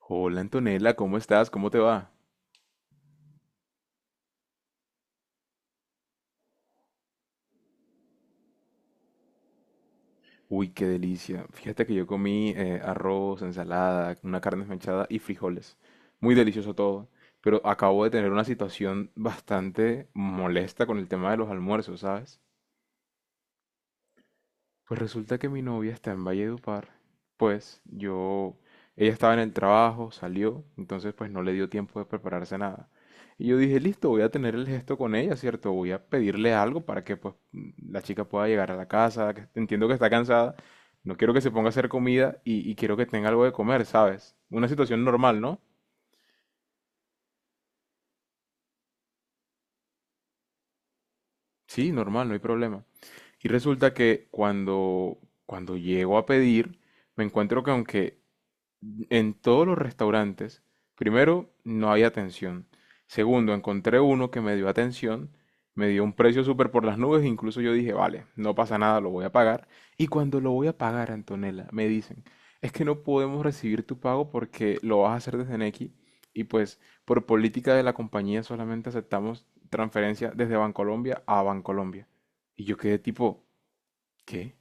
Hola Antonella, ¿cómo estás? ¿Cómo te va? Uy, qué delicia. Fíjate que yo comí arroz, ensalada, una carne esmechada y frijoles. Muy delicioso todo. Pero acabo de tener una situación bastante molesta con el tema de los almuerzos, ¿sabes? Pues resulta que mi novia está en Valledupar. Pues yo, ella estaba en el trabajo, salió, entonces pues no le dio tiempo de prepararse nada. Y yo dije, listo, voy a tener el gesto con ella, ¿cierto? Voy a pedirle algo para que pues la chica pueda llegar a la casa, que entiendo que está cansada, no quiero que se ponga a hacer comida y quiero que tenga algo de comer, ¿sabes? Una situación normal, ¿no? Sí, normal, no hay problema. Y resulta que cuando, cuando llego a pedir, me encuentro que aunque en todos los restaurantes, primero, no había atención. Segundo, encontré uno que me dio atención, me dio un precio súper por las nubes, incluso yo dije, vale, no pasa nada, lo voy a pagar. Y cuando lo voy a pagar, Antonella, me dicen, es que no podemos recibir tu pago porque lo vas a hacer desde Nequi y pues por política de la compañía solamente aceptamos transferencia desde Bancolombia a Bancolombia. Y yo quedé tipo, ¿qué?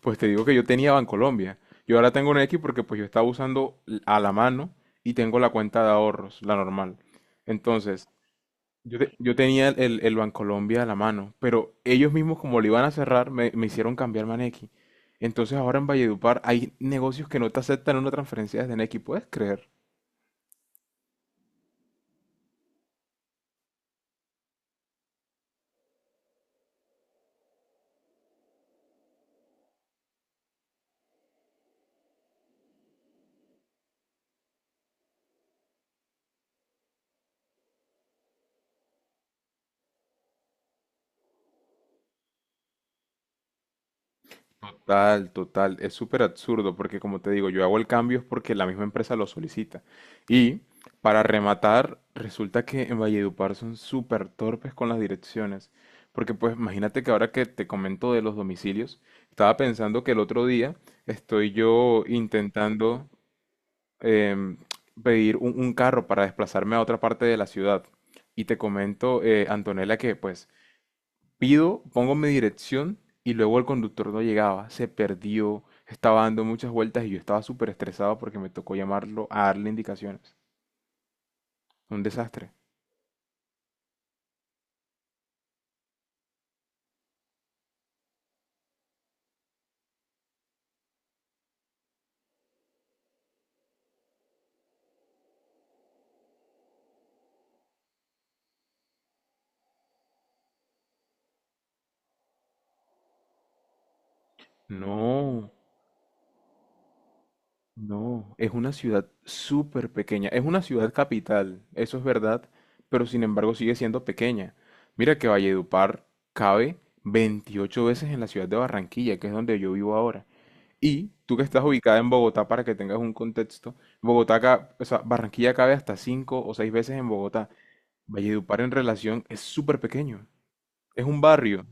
Pues te digo que yo tenía Bancolombia. Yo ahora tengo un X porque pues yo estaba usando a la mano y tengo la cuenta de ahorros, la normal. Entonces, yo tenía el Bancolombia a la mano, pero ellos mismos como lo iban a cerrar, me hicieron cambiarme a Nequi. Entonces ahora en Valledupar hay negocios que no te aceptan una transferencia desde Nequi, ¿puedes creer? Total, total. Es súper absurdo porque como te digo, yo hago el cambio es porque la misma empresa lo solicita. Y para rematar, resulta que en Valledupar son súper torpes con las direcciones. Porque pues imagínate que ahora que te comento de los domicilios, estaba pensando que el otro día estoy yo intentando em, pedir un carro para desplazarme a otra parte de la ciudad. Y te comento, Antonella, que pues pido, pongo mi dirección y luego el conductor no llegaba, se perdió, estaba dando muchas vueltas y yo estaba súper estresado porque me tocó llamarlo a darle indicaciones. Un desastre. No, no, es una ciudad súper pequeña, es una ciudad capital, eso es verdad, pero sin embargo sigue siendo pequeña. Mira que Valledupar cabe 28 veces en la ciudad de Barranquilla, que es donde yo vivo ahora. Y tú que estás ubicada en Bogotá, para que tengas un contexto, o sea, Barranquilla cabe hasta cinco o seis veces en Bogotá. Valledupar en relación es súper pequeño, es un barrio.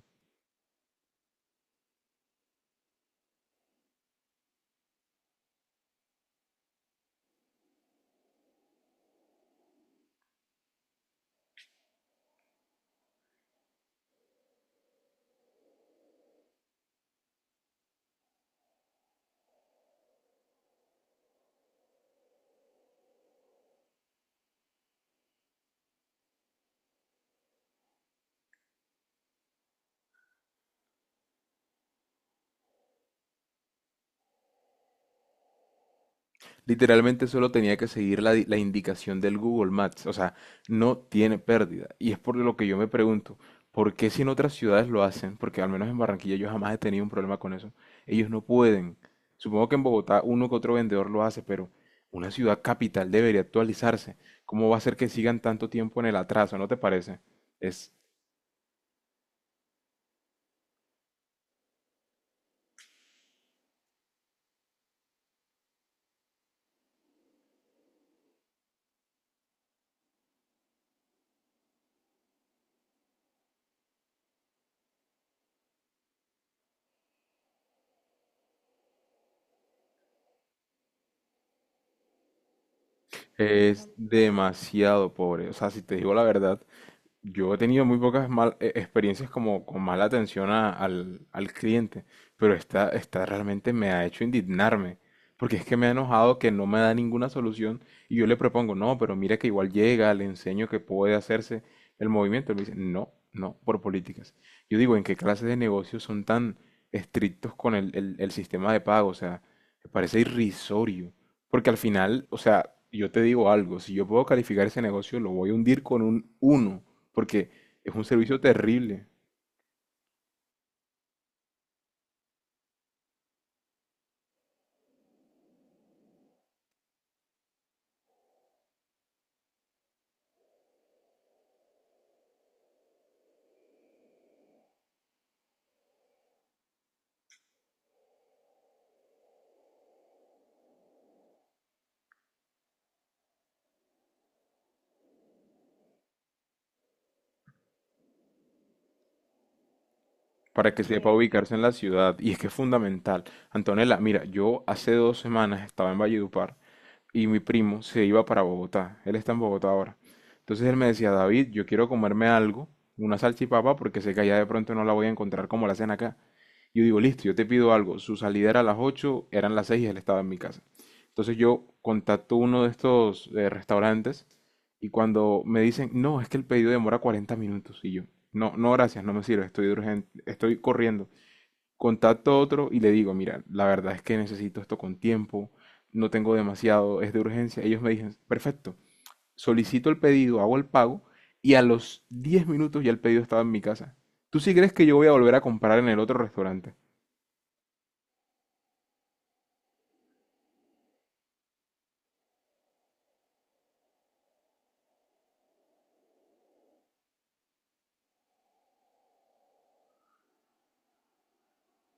Literalmente solo tenía que seguir la indicación del Google Maps, o sea, no tiene pérdida. Y es por lo que yo me pregunto, ¿por qué si en otras ciudades lo hacen? Porque al menos en Barranquilla yo jamás he tenido un problema con eso. Ellos no pueden. Supongo que en Bogotá uno que otro vendedor lo hace, pero una ciudad capital debería actualizarse. ¿Cómo va a ser que sigan tanto tiempo en el atraso? ¿No te parece? Es, es demasiado pobre. O sea, si te digo la verdad, yo he tenido muy pocas experiencias como con mala atención al cliente, pero esta realmente me ha hecho indignarme, porque es que me ha enojado que no me da ninguna solución y yo le propongo, no, pero mira que igual llega, le enseño que puede hacerse el movimiento, él me dice, no, no, por políticas. Yo digo, ¿en qué clase de negocios son tan estrictos con el sistema de pago? O sea, me parece irrisorio, porque al final, o sea, yo te digo algo, si yo puedo calificar ese negocio, lo voy a hundir con un 1 porque es un servicio terrible. Para que sepa Sí. ubicarse en la ciudad y es que es fundamental. Antonella, mira, yo hace 2 semanas estaba en Valledupar y mi primo se iba para Bogotá. Él está en Bogotá ahora. Entonces él me decía, David, yo quiero comerme algo, una salchipapa, porque sé que allá de pronto no la voy a encontrar como la hacen acá. Yo digo, listo, yo te pido algo. Su salida era a las 8, eran las 6 y él estaba en mi casa. Entonces yo contacto uno de estos restaurantes y cuando me dicen, no, es que el pedido demora 40 minutos. Y yo, no, no, gracias, no me sirve, estoy urgente, estoy corriendo. Contacto a otro y le digo, mira, la verdad es que necesito esto con tiempo, no tengo demasiado, es de urgencia. Ellos me dicen, perfecto, solicito el pedido, hago el pago y a los 10 minutos ya el pedido estaba en mi casa. ¿Tú sí crees que yo voy a volver a comprar en el otro restaurante?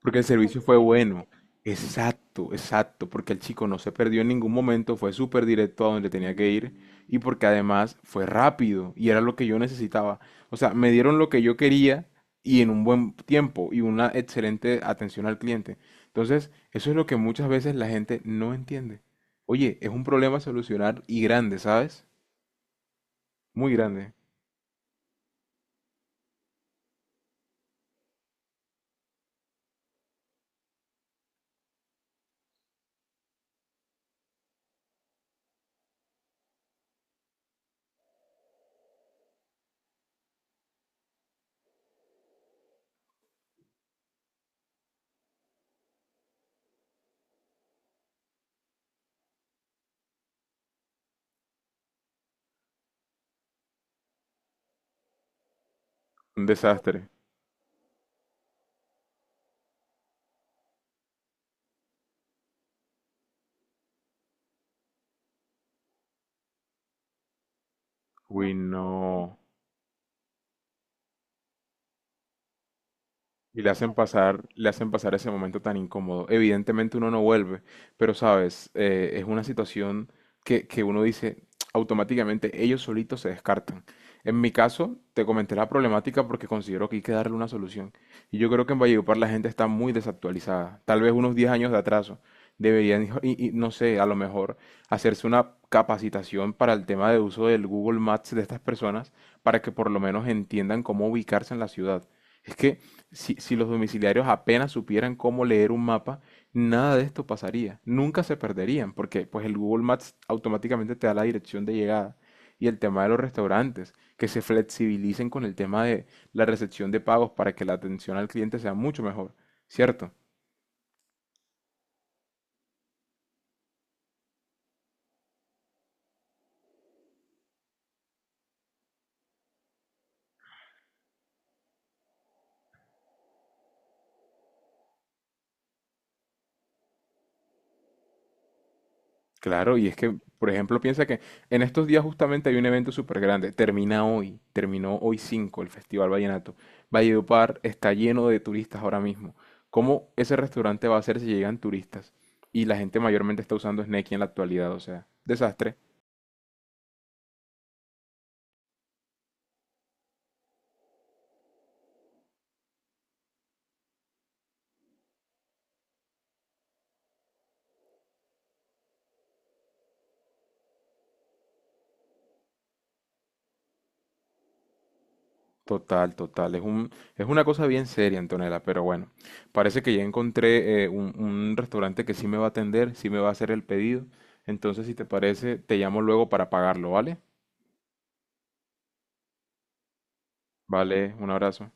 Porque el servicio fue bueno. Exacto, exacto. Porque el chico no se perdió en ningún momento, fue súper directo a donde tenía que ir y porque además fue rápido y era lo que yo necesitaba. O sea, me dieron lo que yo quería y en un buen tiempo y una excelente atención al cliente. Entonces, eso es lo que muchas veces la gente no entiende. Oye, es un problema a solucionar y grande, ¿sabes? Muy grande. Un desastre. Uy, no. Y le hacen pasar ese momento tan incómodo. Evidentemente uno no vuelve, pero sabes, eh, es una situación que uno dice automáticamente, ellos solitos se descartan. En mi caso, te comenté la problemática porque considero que hay que darle una solución. Y yo creo que en Valledupar la gente está muy desactualizada, tal vez unos 10 años de atraso. Y no sé, a lo mejor hacerse una capacitación para el tema de uso del Google Maps de estas personas para que por lo menos entiendan cómo ubicarse en la ciudad. Es que si, si los domiciliarios apenas supieran cómo leer un mapa, nada de esto pasaría. Nunca se perderían, porque pues el Google Maps automáticamente te da la dirección de llegada. Y el tema de los restaurantes, que se flexibilicen con el tema de la recepción de pagos para que la atención al cliente sea mucho mejor, ¿cierto? Claro, y es que, por ejemplo, piensa que en estos días justamente hay un evento súper grande. Termina hoy, terminó hoy 5 el Festival Vallenato. Valledupar está lleno de turistas ahora mismo. ¿Cómo ese restaurante va a ser si llegan turistas? Y la gente mayormente está usando Sneaky en la actualidad, o sea, desastre. Total, total. Es un, es una cosa bien seria, Antonella, pero bueno, parece que ya encontré un restaurante que sí me va a atender, sí me va a hacer el pedido. Entonces, si te parece, te llamo luego para pagarlo, ¿vale? Vale, un abrazo.